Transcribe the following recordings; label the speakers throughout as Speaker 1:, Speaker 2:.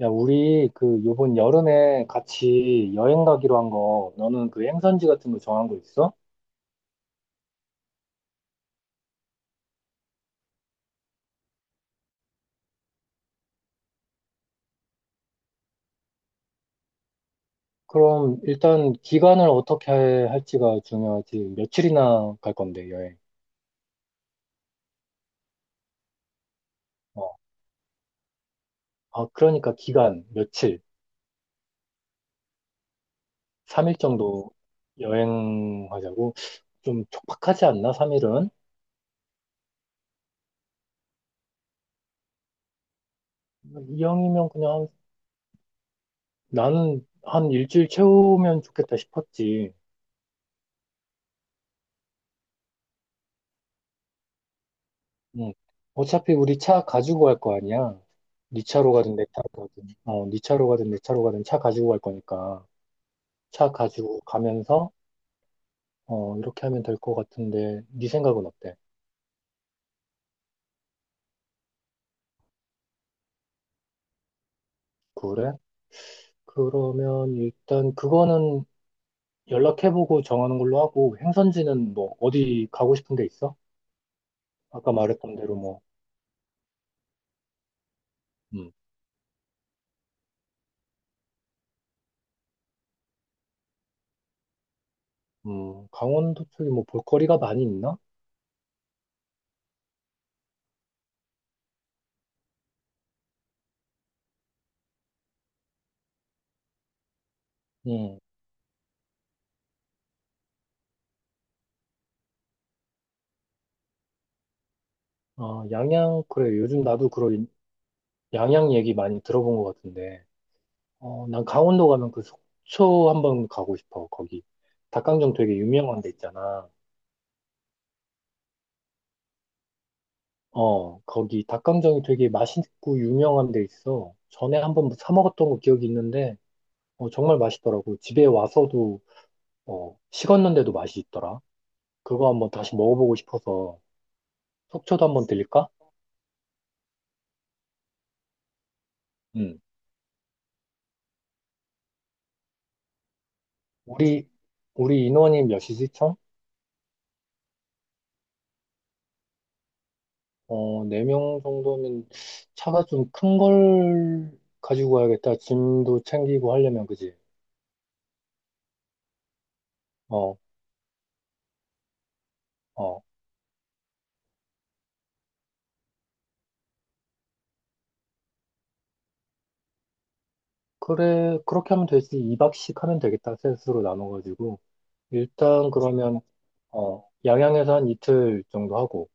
Speaker 1: 야, 우리 그 요번 여름에 같이 여행 가기로 한 거, 너는 그 행선지 같은 거 정한 거 있어? 그럼 일단 기간을 어떻게 할지가 중요하지. 며칠이나 갈 건데, 여행. 어. 아, 그러니까 기간, 며칠, 3일 정도 여행하자고. 좀 촉박하지 않나, 3일은? 이왕이면 그냥 나는 한 일주일 채우면 좋겠다 싶었지. 응. 어차피 우리 차 가지고 갈 거 아니야. 네 차로 가든 내 차로 가든, 차 가지고 갈 거니까 차 가지고 가면서 이렇게 하면 될 것 같은데 네 생각은 어때? 그래? 그러면 일단 그거는 연락해보고 정하는 걸로 하고 행선지는 뭐 어디 가고 싶은 데 있어? 아까 말했던 대로 뭐, 음, 강원도 쪽에 뭐 볼거리가 많이 있나? 음, 양양 그래 요즘 나도 그런 양양 얘기 많이 들어본 것 같은데. 난 강원도 가면 그 속초 한번 가고 싶어. 거기 닭강정 되게 유명한 데 있잖아. 거기 닭강정이 되게 맛있고 유명한 데 있어. 전에 한번 뭐 사 먹었던 거 기억이 있는데, 정말 맛있더라고. 집에 와서도, 식었는데도 맛이 있더라. 그거 한번 다시 먹어보고 싶어서 속초도 한번 들릴까? 응. 우리, 우리 인원이 몇이지, 총? 네 명 정도면 차가 좀 큰 걸 가지고 가야겠다. 짐도 챙기고 하려면, 그지? 어, 어, 그래, 그렇게 하면 되지. 2박씩 하면 되겠다. 셋으로 나눠가지고. 일단 그러면, 양양에서 한 이틀 정도 하고,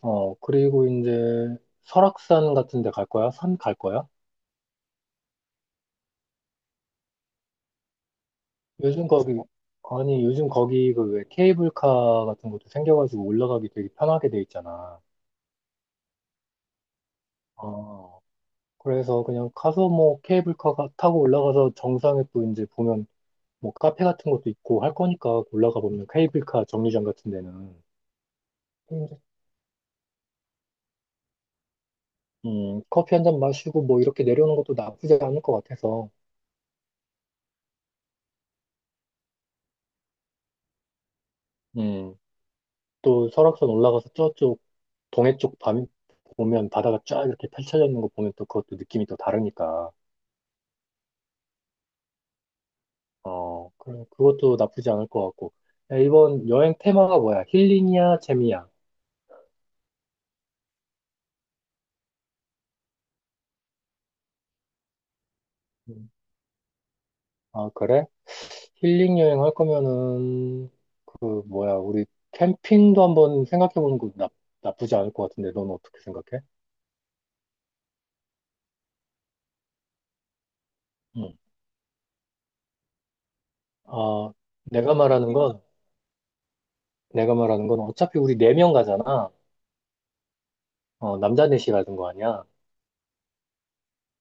Speaker 1: 그리고 이제 설악산 같은 데 갈 거야? 산 갈 거야? 요즘 거기, 아니, 요즘 거기 그 왜 케이블카 같은 것도 생겨가지고 올라가기 되게 편하게 돼 있잖아. 어, 그래서 그냥 가서 뭐 케이블카 타고 올라가서 정상에 또 이제 보면 뭐 카페 같은 것도 있고 할 거니까 올라가 보면 케이블카 정류장 같은 데는. 커피 한 잔 마시고 뭐 이렇게 내려오는 것도 나쁘지 않을 것 같아서, 음, 또 설악산 올라가서 저쪽 동해 쪽 밤, 보면 바다가 쫙 이렇게 펼쳐져 있는 거 보면 또 그것도 느낌이 또 다르니까, 그럼 그것도 나쁘지 않을 것 같고. 야, 이번 여행 테마가 뭐야? 힐링이야, 재미야? 음, 아, 그래? 힐링 여행 할 거면은, 그, 뭐야, 우리 캠핑도 한번 생각해 보는 거 나쁘지 않을 것 같은데, 넌 어떻게 생각해? 음. 아, 내가 말하는 건, 내가 말하는 건 어차피 우리 네 명 가잖아. 남자 넷이 가는 거 아니야.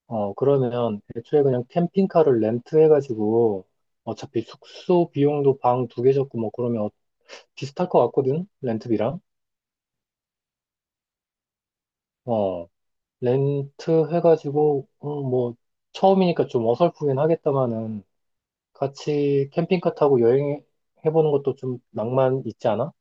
Speaker 1: 그러면 애초에 그냥 캠핑카를 렌트해가지고 어차피 숙소 비용도 방 두 개 잡고 뭐 그러면 비슷할 것 같거든? 렌트비랑. 어, 렌트해가지고, 뭐, 처음이니까 좀 어설프긴 하겠다마는 같이 캠핑카 타고 여행해보는 것도 좀 낭만 있지 않아?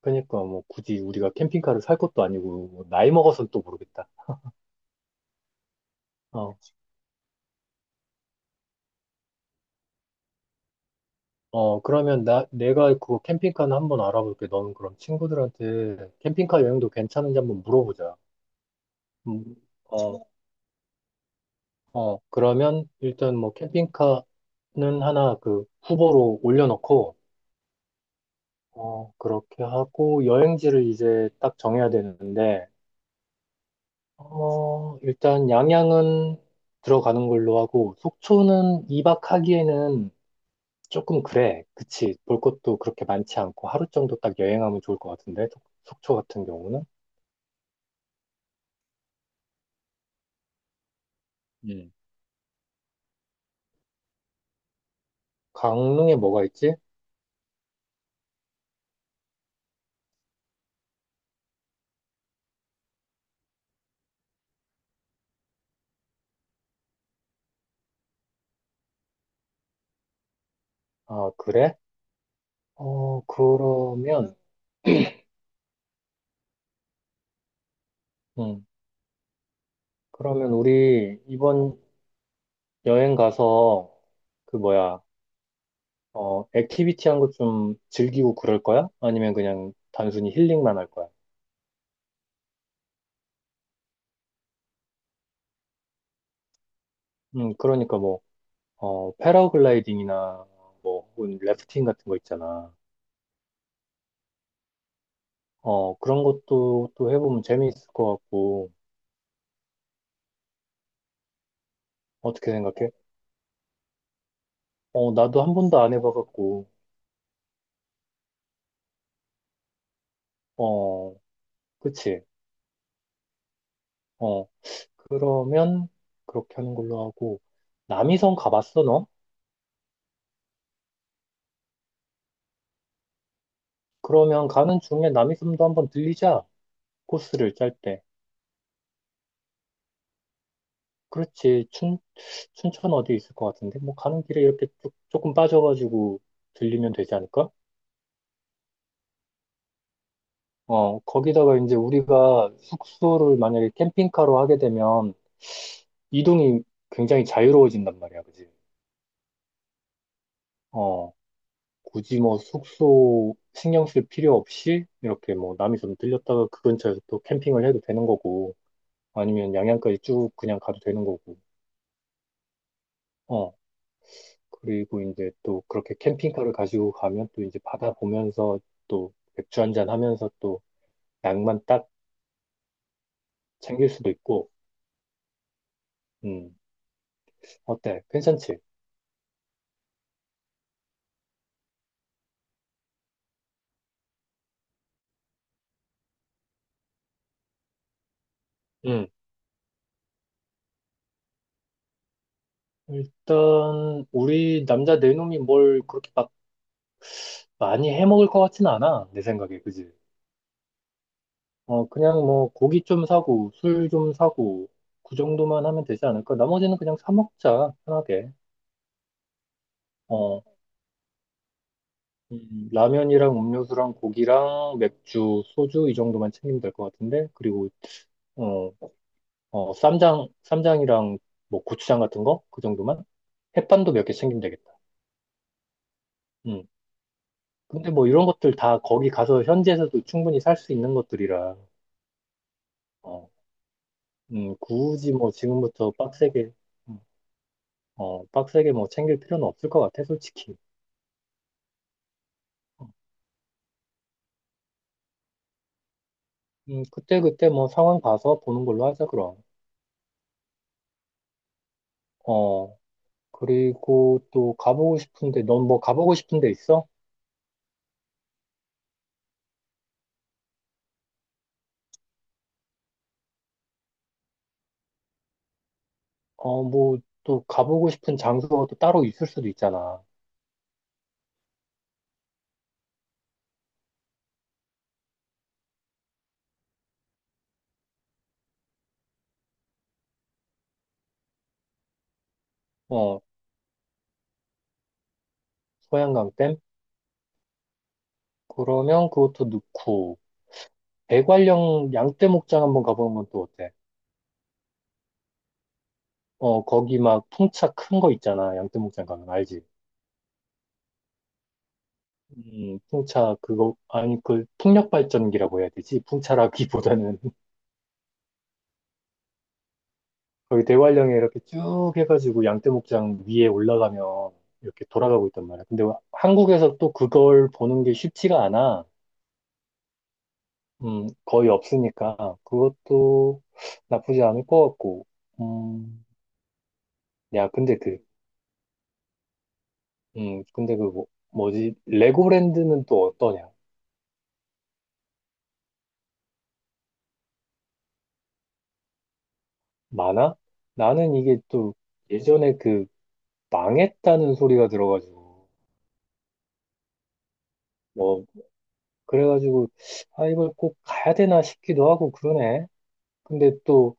Speaker 1: 그러니까 뭐 굳이 우리가 캠핑카를 살 것도 아니고, 뭐 나이 먹어서는 또 모르겠다. 어, 어, 그러면 내가 그거 캠핑카는 한번 알아볼게. 너는 그럼 친구들한테 캠핑카 여행도 괜찮은지 한번 물어보자. 음, 어, 어, 그러면 일단 뭐 캠핑카는 하나 그 후보로 올려놓고, 그렇게 하고 여행지를 이제 딱 정해야 되는데, 일단 양양은 들어가는 걸로 하고, 속초는 2박 하기에는 조금 그래. 그치. 볼 것도 그렇게 많지 않고 하루 정도 딱 여행하면 좋을 것 같은데, 속초 같은 경우는. 음. 강릉에 뭐가 있지? 아, 그래? 어, 그러면, 음, 우리 이번 여행 가서, 그 뭐야, 액티비티 한 거 좀 즐기고 그럴 거야? 아니면 그냥 단순히 힐링만 할 거야? 그러니까 뭐, 패러글라이딩이나 뭐, 혹은 래프팅 같은 거 있잖아. 그런 것도 또 해보면 재미있을 것 같고, 어떻게 생각해? 나도 한 번도 안 해봐갖고, 어, 그치? 어, 그러면 그렇게 하는 걸로 하고 남이섬 가봤어 너? 그러면 가는 중에 남이섬도 한번 들리자 코스를 짤 때. 그렇지 춘 춘천 어디 있을 것 같은데 뭐 가는 길에 이렇게 조금 빠져가지고 들리면 되지 않을까? 거기다가 이제 우리가 숙소를 만약에 캠핑카로 하게 되면 이동이 굉장히 자유로워진단 말이야, 그지? 어 굳이 뭐 숙소 신경 쓸 필요 없이 이렇게 뭐 남이섬 들렸다가 그 근처에서 또 캠핑을 해도 되는 거고. 아니면 양양까지 쭉 그냥 가도 되는 거고. 어, 그리고 이제 또 그렇게 캠핑카를 가지고 가면 또 이제 바다 보면서 또 맥주 한잔 하면서 또 양만 딱 챙길 수도 있고. 음, 어때? 괜찮지? 음. 일단 우리 남자 네 놈이 뭘 그렇게 막 많이 해 먹을 것 같진 않아. 내 생각에. 그지? 그냥 뭐 고기 좀 사고 술 좀 사고 그 정도만 하면 되지 않을까? 나머지는 그냥 사 먹자. 편하게. 어. 라면이랑 음료수랑 고기랑 맥주, 소주 이 정도만 챙기면 될 것 같은데 그리고 어, 어, 쌈장이랑 뭐 고추장 같은 거 그 정도만 햇반도 몇 개 챙기면 되겠다. 음. 근데 뭐 이런 것들 다 거기 가서 현지에서도 충분히 살 수 있는 것들이라 어, 굳이 뭐 지금부터 빡세게 음, 빡세게 뭐 챙길 필요는 없을 것 같아 솔직히. 그때 그때 뭐 상황 봐서 보는 걸로 하자 그럼. 어, 그리고 또 가보고 싶은데, 넌 뭐 가보고 싶은 데 있어? 뭐 또 가보고 싶은 장소가 또 따로 있을 수도 있잖아. 어, 소양강 댐? 그러면 그것도 넣고, 대관령 양떼 목장 한번 가보는 건 또 어때? 거기 막 풍차 큰 거 있잖아. 양떼 목장 가면 알지? 풍차 그거, 아니, 그 풍력 발전기라고 해야 되지? 풍차라기보다는 거기 대관령에 이렇게 쭉 해가지고 양떼목장 위에 올라가면 이렇게 돌아가고 있단 말이야. 근데 한국에서 또 그걸 보는 게 쉽지가 않아. 거의 없으니까 그것도 나쁘지 않을 것 같고. 음, 야, 근데 그 뭐, 뭐지? 레고랜드는 또 어떠냐? 많아? 나는 이게 또 예전에 그 망했다는 소리가 들어가지고 뭐 그래가지고 아 이걸 꼭 가야 되나 싶기도 하고 그러네. 근데 또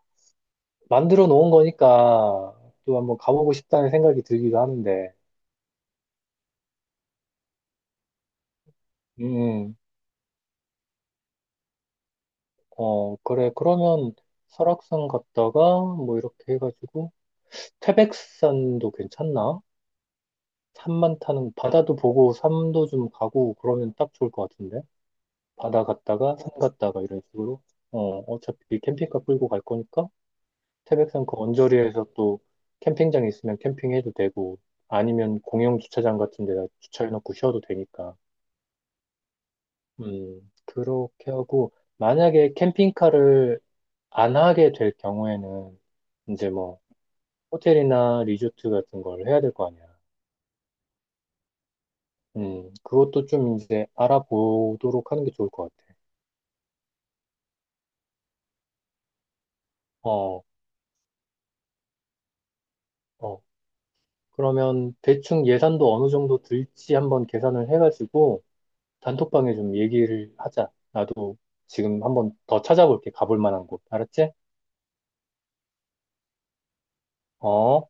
Speaker 1: 만들어 놓은 거니까 또 한번 가보고 싶다는 생각이 들기도 하는데, 음, 음. 어, 그래. 그러면 설악산 갔다가 뭐 이렇게 해가지고 태백산도 괜찮나? 산만 타는, 바다도 보고 산도 좀 가고 그러면 딱 좋을 것 같은데? 바다 갔다가 산 갔다가 이런 식으로. 어, 어차피 캠핑카 끌고 갈 거니까 태백산 그 언저리에서 또 캠핑장 있으면 캠핑해도 되고 아니면 공영 주차장 같은 데다 주차해놓고 쉬어도 되니까. 그렇게 하고, 만약에 캠핑카를 안 하게 될 경우에는, 이제 뭐, 호텔이나 리조트 같은 걸 해야 될 거 아니야. 그것도 좀 이제 알아보도록 하는 게 좋을 것 같아. 어, 어. 그러면 대충 예산도 어느 정도 들지 한번 계산을 해가지고, 단톡방에 좀 얘기를 하자. 나도 지금 한번 더 찾아볼게. 가볼 만한 곳. 알았지? 어.